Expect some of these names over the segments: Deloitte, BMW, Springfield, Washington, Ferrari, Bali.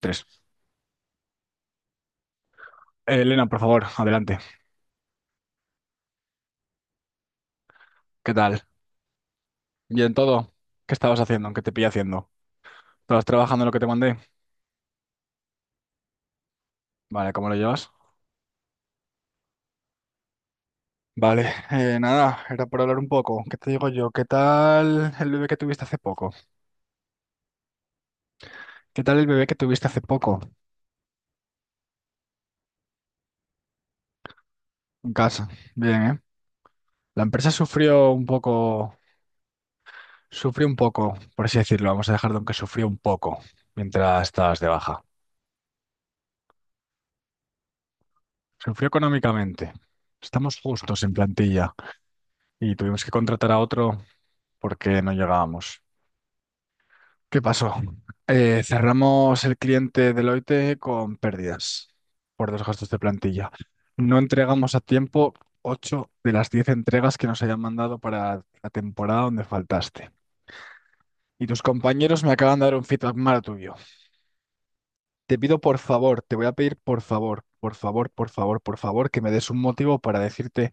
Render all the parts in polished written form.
Tres. Elena, por favor, adelante. ¿Qué tal? ¿Bien todo? ¿Qué estabas haciendo? ¿Qué te pillé haciendo? ¿Estabas trabajando en lo que te mandé? Vale, ¿cómo lo llevas? Vale, nada, era por hablar un poco. ¿Qué te digo yo? ¿Qué tal el bebé que tuviste hace poco? ¿Qué tal el bebé que tuviste hace poco en casa? Bien, ¿eh? La empresa sufrió un poco, por así decirlo. Vamos a dejarlo en que sufrió un poco mientras estabas de baja. Sufrió económicamente. Estamos justos en plantilla. Y tuvimos que contratar a otro porque no llegábamos. ¿Qué pasó? Cerramos el cliente Deloitte con pérdidas por dos gastos de plantilla. No entregamos a tiempo 8 de las 10 entregas que nos hayan mandado para la temporada donde faltaste. Y tus compañeros me acaban de dar un feedback malo tuyo. Te pido por favor, te voy a pedir por favor, por favor, por favor, por favor, que me des un motivo para decirte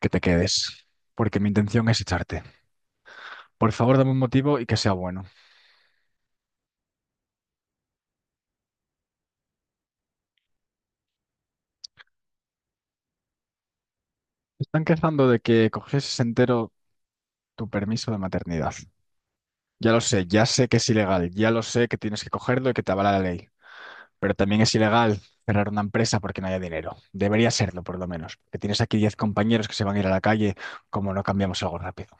que te quedes, porque mi intención es echarte. Por favor, dame un motivo y que sea bueno. Están quejando de que coges entero tu permiso de maternidad. Ya lo sé, ya sé que es ilegal, ya lo sé que tienes que cogerlo y que te avala la ley. Pero también es ilegal cerrar una empresa porque no haya dinero. Debería serlo, por lo menos. Que tienes aquí 10 compañeros que se van a ir a la calle como no cambiamos algo rápido.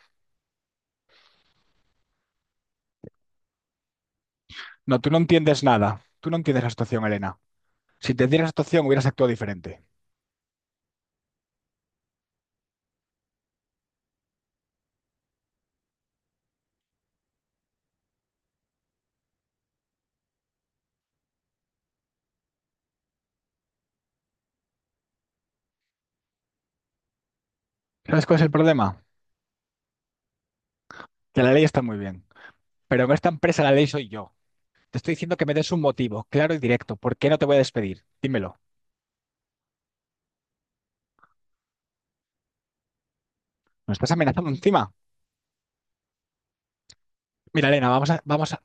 No, tú no entiendes nada. Tú no entiendes la situación, Elena. Si te dieras la situación, hubieras actuado diferente. ¿Sabes cuál es el problema? Que la ley está muy bien. Pero en esta empresa la ley soy yo. Te estoy diciendo que me des un motivo, claro y directo. ¿Por qué no te voy a despedir? Dímelo. ¿Me estás amenazando encima? Mira, Elena,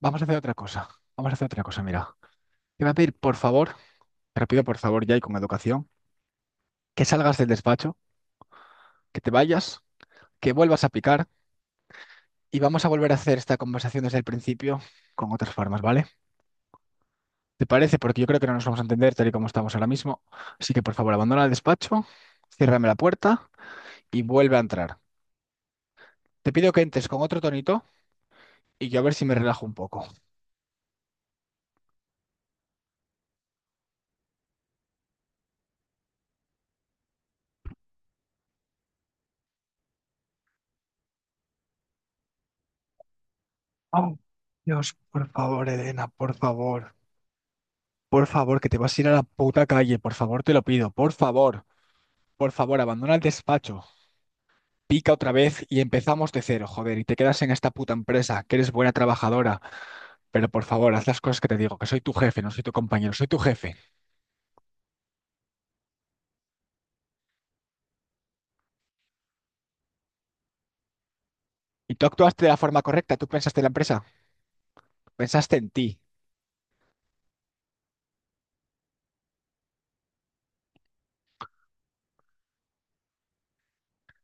vamos a hacer otra cosa. Vamos a hacer otra cosa, mira. Te voy a pedir, por favor, te lo pido por favor ya y con educación, que salgas del despacho, que te vayas, que vuelvas a picar y vamos a volver a hacer esta conversación desde el principio con otras formas, ¿vale? ¿Te parece? Porque yo creo que no nos vamos a entender tal y como estamos ahora mismo. Así que, por favor, abandona el despacho, ciérrame la puerta y vuelve a entrar. Te pido que entres con otro tonito y yo a ver si me relajo un poco. Oh, Dios, por favor, Elena, por favor. Por favor, que te vas a ir a la puta calle, por favor, te lo pido, por favor, abandona el despacho, pica otra vez y empezamos de cero, joder, y te quedas en esta puta empresa, que eres buena trabajadora, pero por favor, haz las cosas que te digo, que soy tu jefe, no soy tu compañero, soy tu jefe. Y tú actuaste de la forma correcta, tú pensaste en la empresa, pensaste en ti.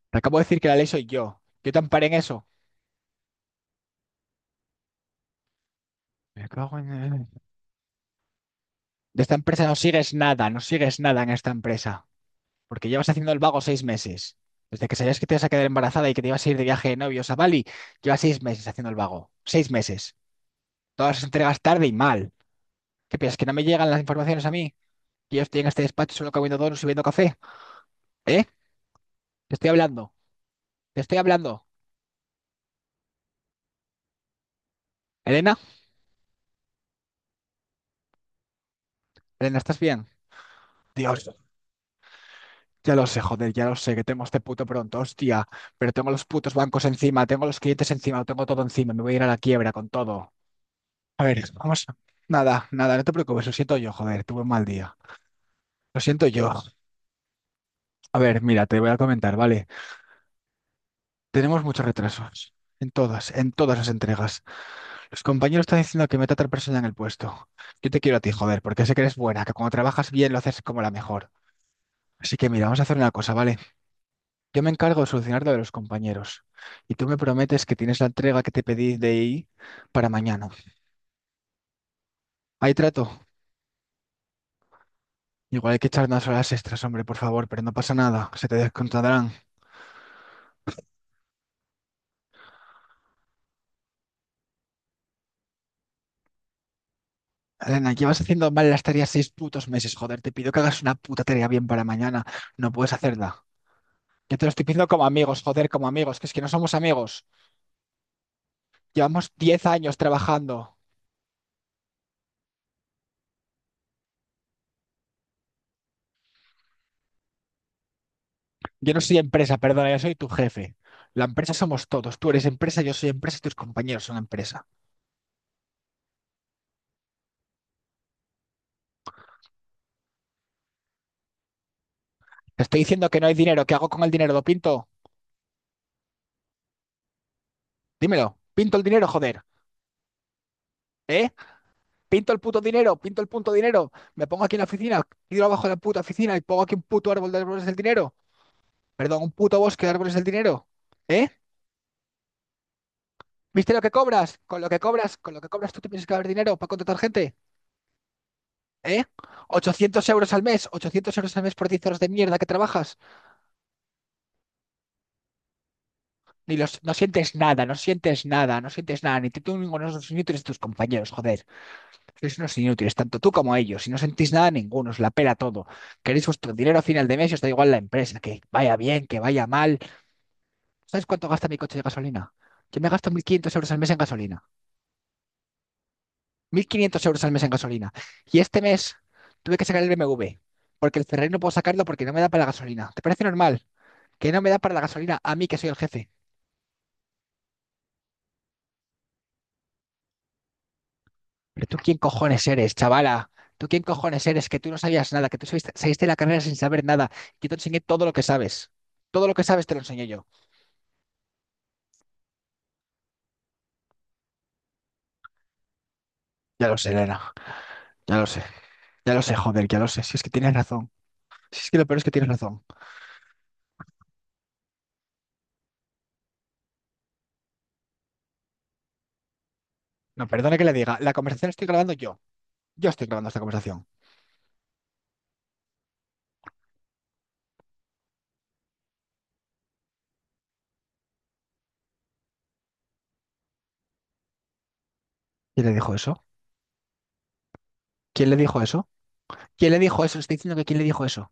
Te acabo de decir que la ley soy yo, yo te amparé en eso. Me cago en... De esta empresa no sigues nada, no sigues nada en esta empresa. Porque llevas haciendo el vago 6 meses. Desde que sabías que te ibas a quedar embarazada y que te ibas a ir de viaje de novios a Bali, llevas 6 meses haciendo el vago. Seis meses. Todas las entregas tarde y mal. ¿Qué piensas? ¿Que no me llegan las informaciones a mí? ¿Que yo estoy en este despacho solo comiendo donuts y bebiendo café? ¿Eh? Te estoy hablando. Te estoy hablando. ¿Elena? ¿Elena, estás bien? Dios. Ya lo sé, joder, ya lo sé, que tengo este puto pronto, hostia. Pero tengo los putos bancos encima, tengo los clientes encima, lo tengo todo encima, me voy a ir a la quiebra con todo. A ver, vamos. Nada, nada, no te preocupes, lo siento yo, joder, tuve un mal día. Lo siento yo. A ver, mira, te voy a comentar, ¿vale? Tenemos muchos retrasos. En todas las entregas. Los compañeros están diciendo que meta a otra persona en el puesto. Yo te quiero a ti, joder, porque sé que eres buena, que cuando trabajas bien lo haces como la mejor. Así que mira, vamos a hacer una cosa, ¿vale? Yo me encargo de solucionar lo de los compañeros. Y tú me prometes que tienes la entrega que te pedí de ahí para mañana. Ahí trato. Igual hay que echar unas horas extras, hombre, por favor, pero no pasa nada. Se te descontarán. Elena, llevas haciendo mal las tareas 6 putos meses, joder. Te pido que hagas una puta tarea bien para mañana. No puedes hacerla. Yo te lo estoy pidiendo como amigos, joder, como amigos, que es que no somos amigos. Llevamos 10 años trabajando. Yo no soy empresa, perdona, yo soy tu jefe. La empresa somos todos. Tú eres empresa, yo soy empresa y tus compañeros son empresa. Te estoy diciendo que no hay dinero. ¿Qué hago con el dinero? ¿Lo pinto? Dímelo. Pinto el dinero, joder. ¿Eh? Pinto el puto dinero, pinto el punto dinero. Me pongo aquí en la oficina, tiro abajo de la puta oficina y pongo aquí un puto árbol de árboles del dinero. Perdón, un puto bosque de árboles del dinero. ¿Eh? ¿Viste lo que cobras? Con lo que cobras, con lo que cobras, ¿tú te piensas que va a haber dinero para contratar gente? ¿Eh? 800 euros al mes, 800 euros al mes por 10 horas de mierda que trabajas. Ni los, No sientes nada, no sientes nada, no sientes nada, ni tú ninguno de los inútiles de tus compañeros, joder. Sois unos inútiles, tanto tú como ellos, y no sentís nada ninguno, os la pela todo. Queréis vuestro dinero a final de mes y os da igual la empresa, que vaya bien, que vaya mal. ¿Sabes cuánto gasta mi coche de gasolina? Yo me gasto 1.500 euros al mes en gasolina. 1.500 euros al mes en gasolina. Y este mes tuve que sacar el BMW, porque el Ferrari no puedo sacarlo porque no me da para la gasolina. ¿Te parece normal? Que no me da para la gasolina a mí que soy el jefe. Pero tú quién cojones eres, chavala. Tú quién cojones eres, que tú no sabías nada, que tú saliste de la carrera sin saber nada. Que te enseñé todo lo que sabes. Todo lo que sabes te lo enseñé yo. Ya lo sé, Elena. Ya lo sé. Ya lo sé, joder, ya lo sé. Si es que tienes razón. Si es que lo peor es que tienes razón. No, perdone que le diga. La conversación la estoy grabando yo. Yo estoy grabando esta conversación. ¿Quién le dijo eso? ¿Quién le dijo eso? ¿Quién le dijo eso? Estoy diciendo que ¿quién le dijo eso?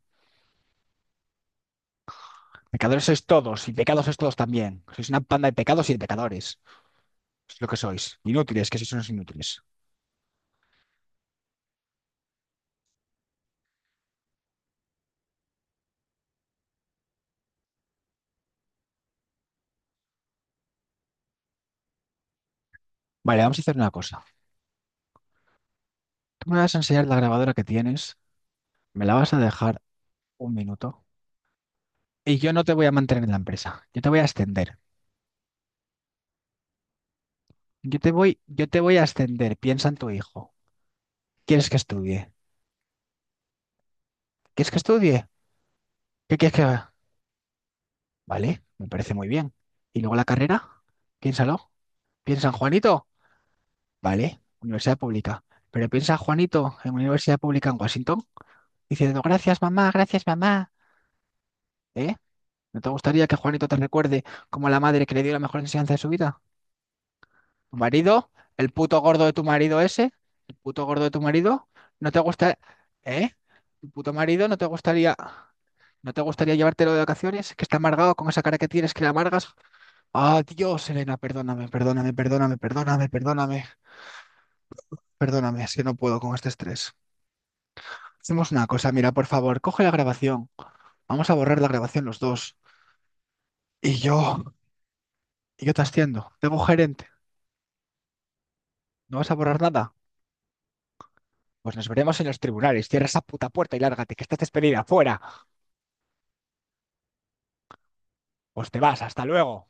Pecadores sois todos y pecados sois todos también. Sois una panda de pecados y de pecadores. Es lo que sois. Inútiles, que sois unos inútiles. Vale, vamos a hacer una cosa. Tú me vas a enseñar la grabadora que tienes, me la vas a dejar un minuto y yo no te voy a mantener en la empresa. Yo te voy a ascender. Yo te voy a ascender. Piensa en tu hijo. ¿Quieres que estudie? ¿Quieres que estudie? ¿Qué quieres que haga? Vale, me parece muy bien. ¿Y luego la carrera? Piénsalo. Piensa en Juanito. Vale, universidad pública. Pero piensa Juanito en una universidad pública en Washington diciendo gracias mamá, gracias mamá. ¿Eh? ¿No te gustaría que Juanito te recuerde como la madre que le dio la mejor enseñanza de su vida? ¿Tu marido? ¿El puto gordo de tu marido ese? ¿El puto gordo de tu marido? ¿No te gusta... ¿Eh? ¿Tu puto marido no te gustaría... ¿No te gustaría llevártelo de vacaciones? Que está amargado con esa cara que tienes, que le amargas. Ah, Dios, Elena, perdóname, perdóname, perdóname, perdóname, perdóname, perdóname. Es que no puedo con este estrés. Hacemos una cosa, mira, por favor, coge la grabación. Vamos a borrar la grabación los dos. Y yo, y yo te asciendo. Tengo gerente. ¿No vas a borrar nada? Pues nos veremos en los tribunales. Cierra esa puta puerta y lárgate, que estás despedida. Fuera. Pues te vas. Hasta luego.